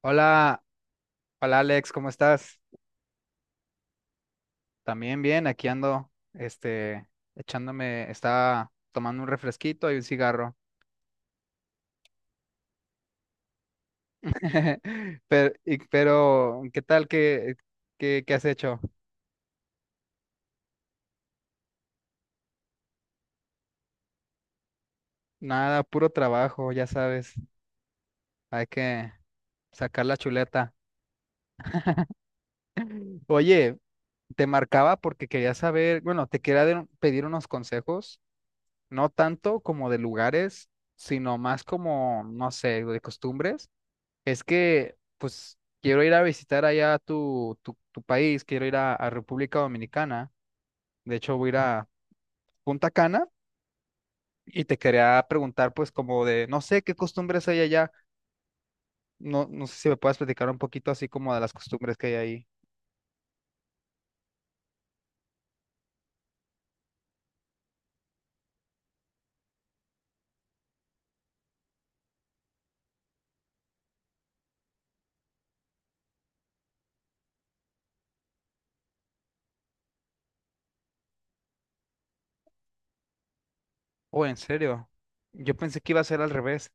Hola, hola Alex, ¿cómo estás? También bien, aquí ando, echándome, estaba tomando un refresquito y un cigarro. Pero, pero, ¿qué tal? ¿Qué has hecho? Nada, puro trabajo, ya sabes, hay que sacar la chuleta. Oye, te marcaba porque quería saber, bueno, pedir unos consejos, no tanto como de lugares, sino más como, no sé, de costumbres. Es que, pues, quiero ir a visitar allá tu país, quiero a República Dominicana. De hecho, voy a ir a Punta Cana y te quería preguntar, pues, como de, no sé qué costumbres hay allá. No, no sé si me puedes platicar un poquito así como de las costumbres que hay ahí. Oh, en serio. Yo pensé que iba a ser al revés.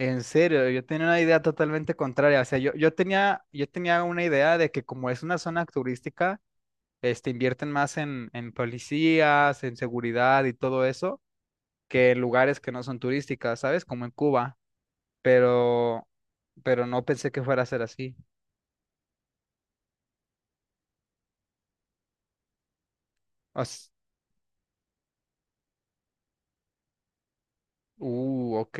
En serio, yo tenía una idea totalmente contraria. O sea, yo tenía una idea de que como es una zona turística, invierten más en policías, en seguridad y todo eso, que en lugares que no son turísticas, ¿sabes? Como en Cuba, pero, pero no pensé que fuera a ser así. As- ok.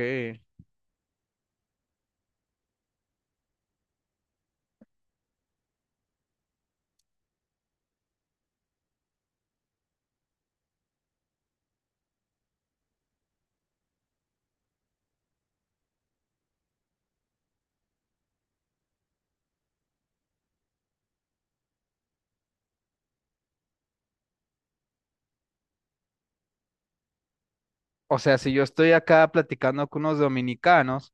O sea, si yo estoy acá platicando con unos dominicanos,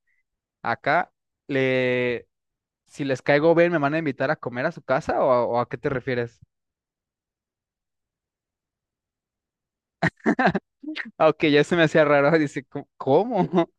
acá le, si les caigo bien, ¿me van a invitar a comer a su casa o, a qué te refieres? Ah, ok, ya se me hacía raro, dice, "¿Cómo? ¿Cómo?".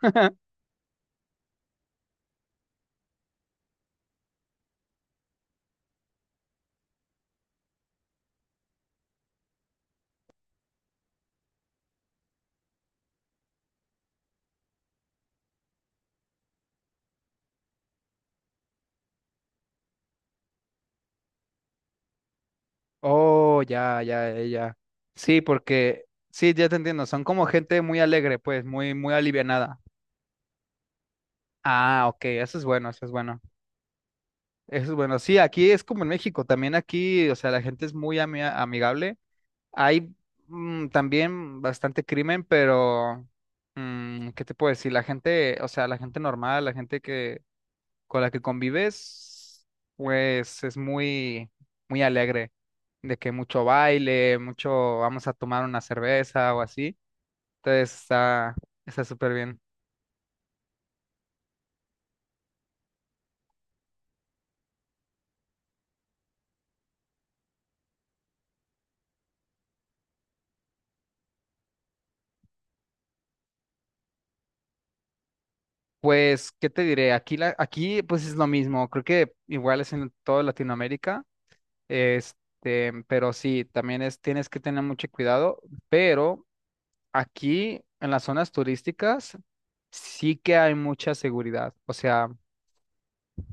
Oh, ya, ya, ya, ya. Sí, porque, sí, ya te entiendo, son como gente muy alegre, pues, muy, muy alivianada. Ah, ok, eso es bueno, eso es bueno. Es bueno, sí, aquí es como en México, también aquí, o sea, la gente es muy amigable. Hay también bastante crimen, pero ¿qué te puedo decir? La gente, o sea, la gente normal, la gente que con la que convives, pues es muy, muy alegre, de que mucho baile, mucho vamos a tomar una cerveza o así. Entonces está, está súper bien. Pues, ¿qué te diré? Aquí, la, aquí, pues es lo mismo. Creo que igual es en toda Latinoamérica. Pero sí, también es, tienes que tener mucho cuidado, pero aquí en las zonas turísticas sí que hay mucha seguridad. O sea,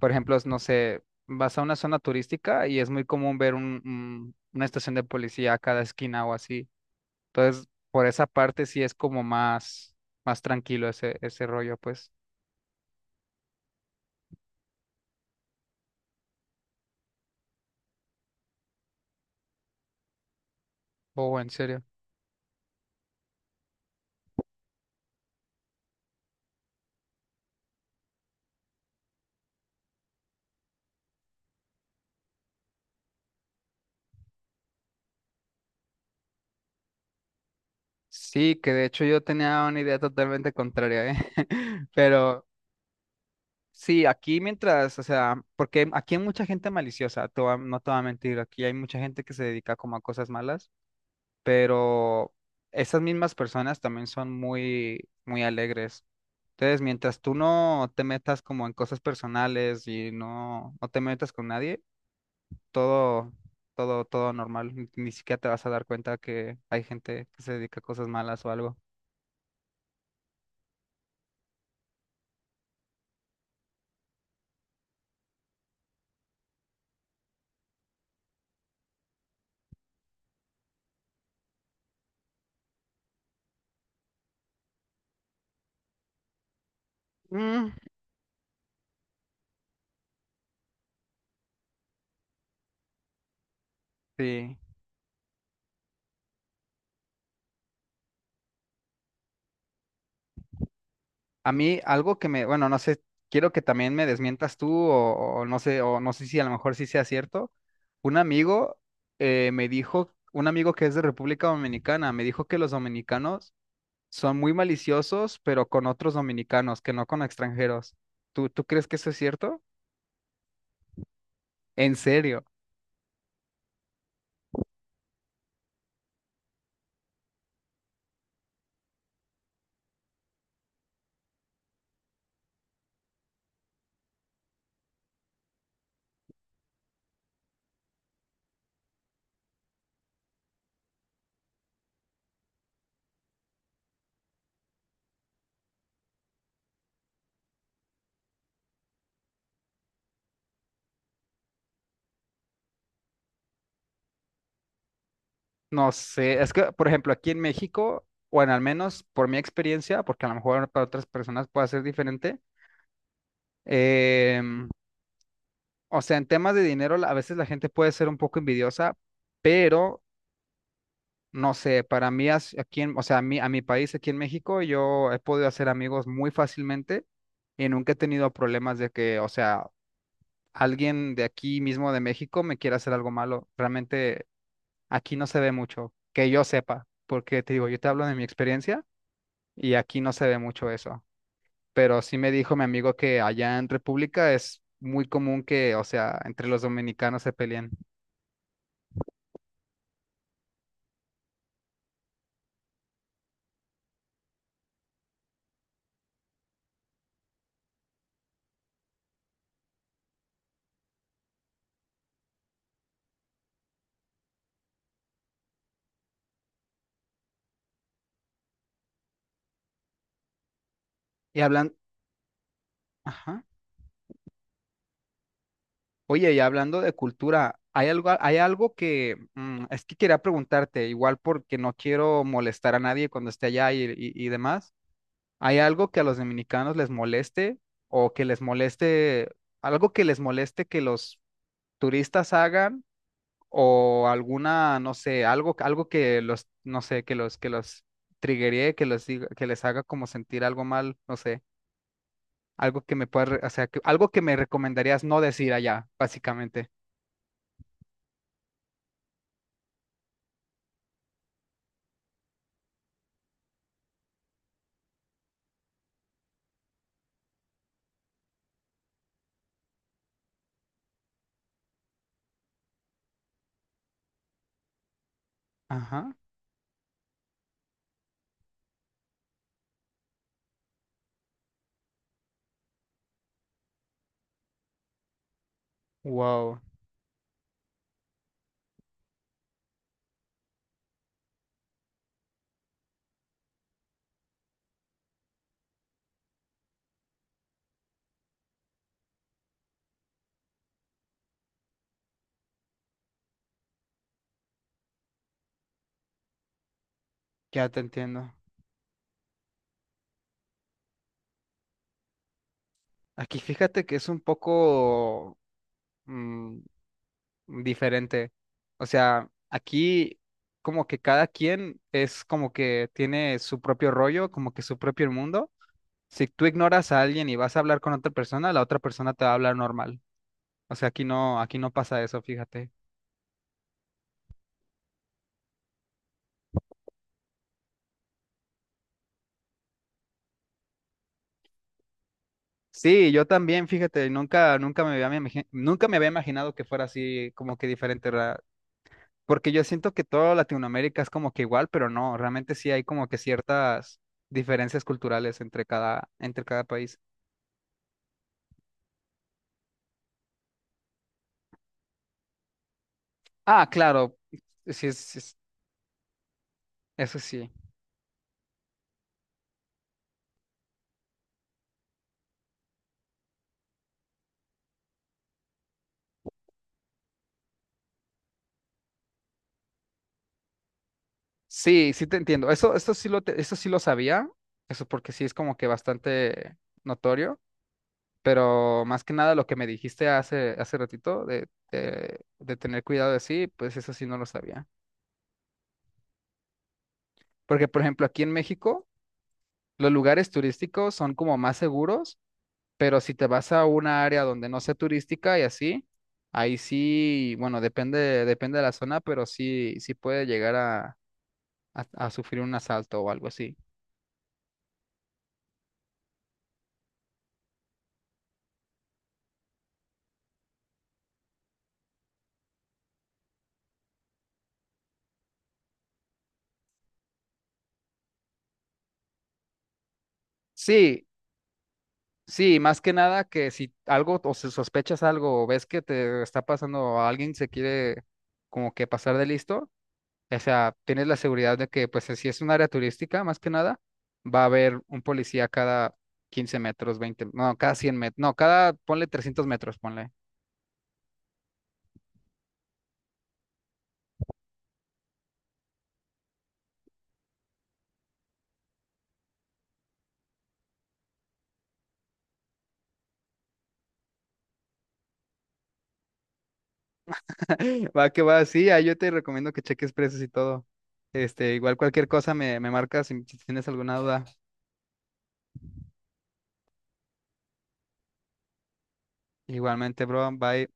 por ejemplo, no sé, vas a una zona turística y es muy común ver una estación de policía a cada esquina o así. Entonces, por esa parte sí es como más, más tranquilo ese rollo, pues. Oh, en serio. Sí, que de hecho yo tenía una idea totalmente contraria, ¿eh? Pero sí, aquí mientras, o sea, porque aquí hay mucha gente maliciosa, no te voy a mentir, aquí hay mucha gente que se dedica como a cosas malas, pero esas mismas personas también son muy, muy alegres. Entonces, mientras tú no te metas como en cosas personales y no, no te metas con nadie, todo, todo normal. Ni, ni siquiera te vas a dar cuenta que hay gente que se dedica a cosas malas o algo. Mm, sí. A mí algo que me, bueno, no sé, quiero que también me desmientas tú o no sé si a lo mejor sí sea cierto. Un amigo me dijo, un amigo que es de República Dominicana, me dijo que los dominicanos son muy maliciosos, pero con otros dominicanos, que no con extranjeros. Tú crees que eso es cierto? En serio, no sé. Es que, por ejemplo, aquí en México, o en al menos por mi experiencia, porque a lo mejor para otras personas puede ser diferente, em, o sea, en temas de dinero, a veces la gente puede ser un poco envidiosa, pero no sé, para mí, aquí o sea, a mí, a mi país, aquí en México, yo he podido hacer amigos muy fácilmente y nunca he tenido problemas de que, o sea, alguien de aquí mismo de México me quiera hacer algo malo. Realmente aquí no se ve mucho, que yo sepa, porque te digo, yo te hablo de mi experiencia y aquí no se ve mucho eso. Pero sí me dijo mi amigo que allá en República es muy común que, o sea, entre los dominicanos se peleen. Y hablan, ajá. Oye, y hablando de cultura, hay algo, que es que quería preguntarte, igual porque no quiero molestar a nadie cuando esté allá y demás. ¿Hay algo que a los dominicanos les moleste o que les moleste, algo que les moleste que los turistas hagan o alguna, no sé, algo, algo que los, no sé, que los triggeree, que les haga como sentir algo mal, no sé, algo que me pueda, o sea, que- algo que me recomendarías no decir allá, básicamente. Ajá. Wow, ya te entiendo. Aquí fíjate que es un poco mm, diferente. O sea, aquí como que cada quien es como que tiene su propio rollo, como que su propio mundo. Si tú ignoras a alguien y vas a hablar con otra persona, la otra persona te va a hablar normal. O sea, aquí no pasa eso, fíjate. Sí, yo también, fíjate, nunca, nunca me había imaginado que fuera así como que diferente. Porque yo siento que toda Latinoamérica es como que igual, pero no, realmente sí hay como que ciertas diferencias culturales entre cada país. Ah, claro, sí, es- eso sí. Sí, sí te entiendo. Eso, eso sí lo sabía, eso porque sí es como que bastante notorio, pero más que nada lo que me dijiste hace ratito de, de tener cuidado de sí, pues eso sí no lo sabía. Porque, por ejemplo, aquí en México, los lugares turísticos son como más seguros. Pero si te vas a una área donde no sea turística y así, ahí sí, bueno, depende, depende de la zona, pero sí, sí puede llegar a, a sufrir un asalto o algo así. Sí, sí, más que nada que si algo o si sospechas algo o ves que te está pasando o alguien se quiere como que pasar de listo, o sea, tienes la seguridad de que pues si es un área turística, más que nada, va a haber un policía cada 15 metros, 20 no, cada 100 metros, no, cada, ponle 300 metros, ponle. Va que va, sí, ahí yo te recomiendo que cheques precios y todo. Este, igual cualquier cosa me, me marcas si si tienes alguna duda. Igualmente, bro, bye.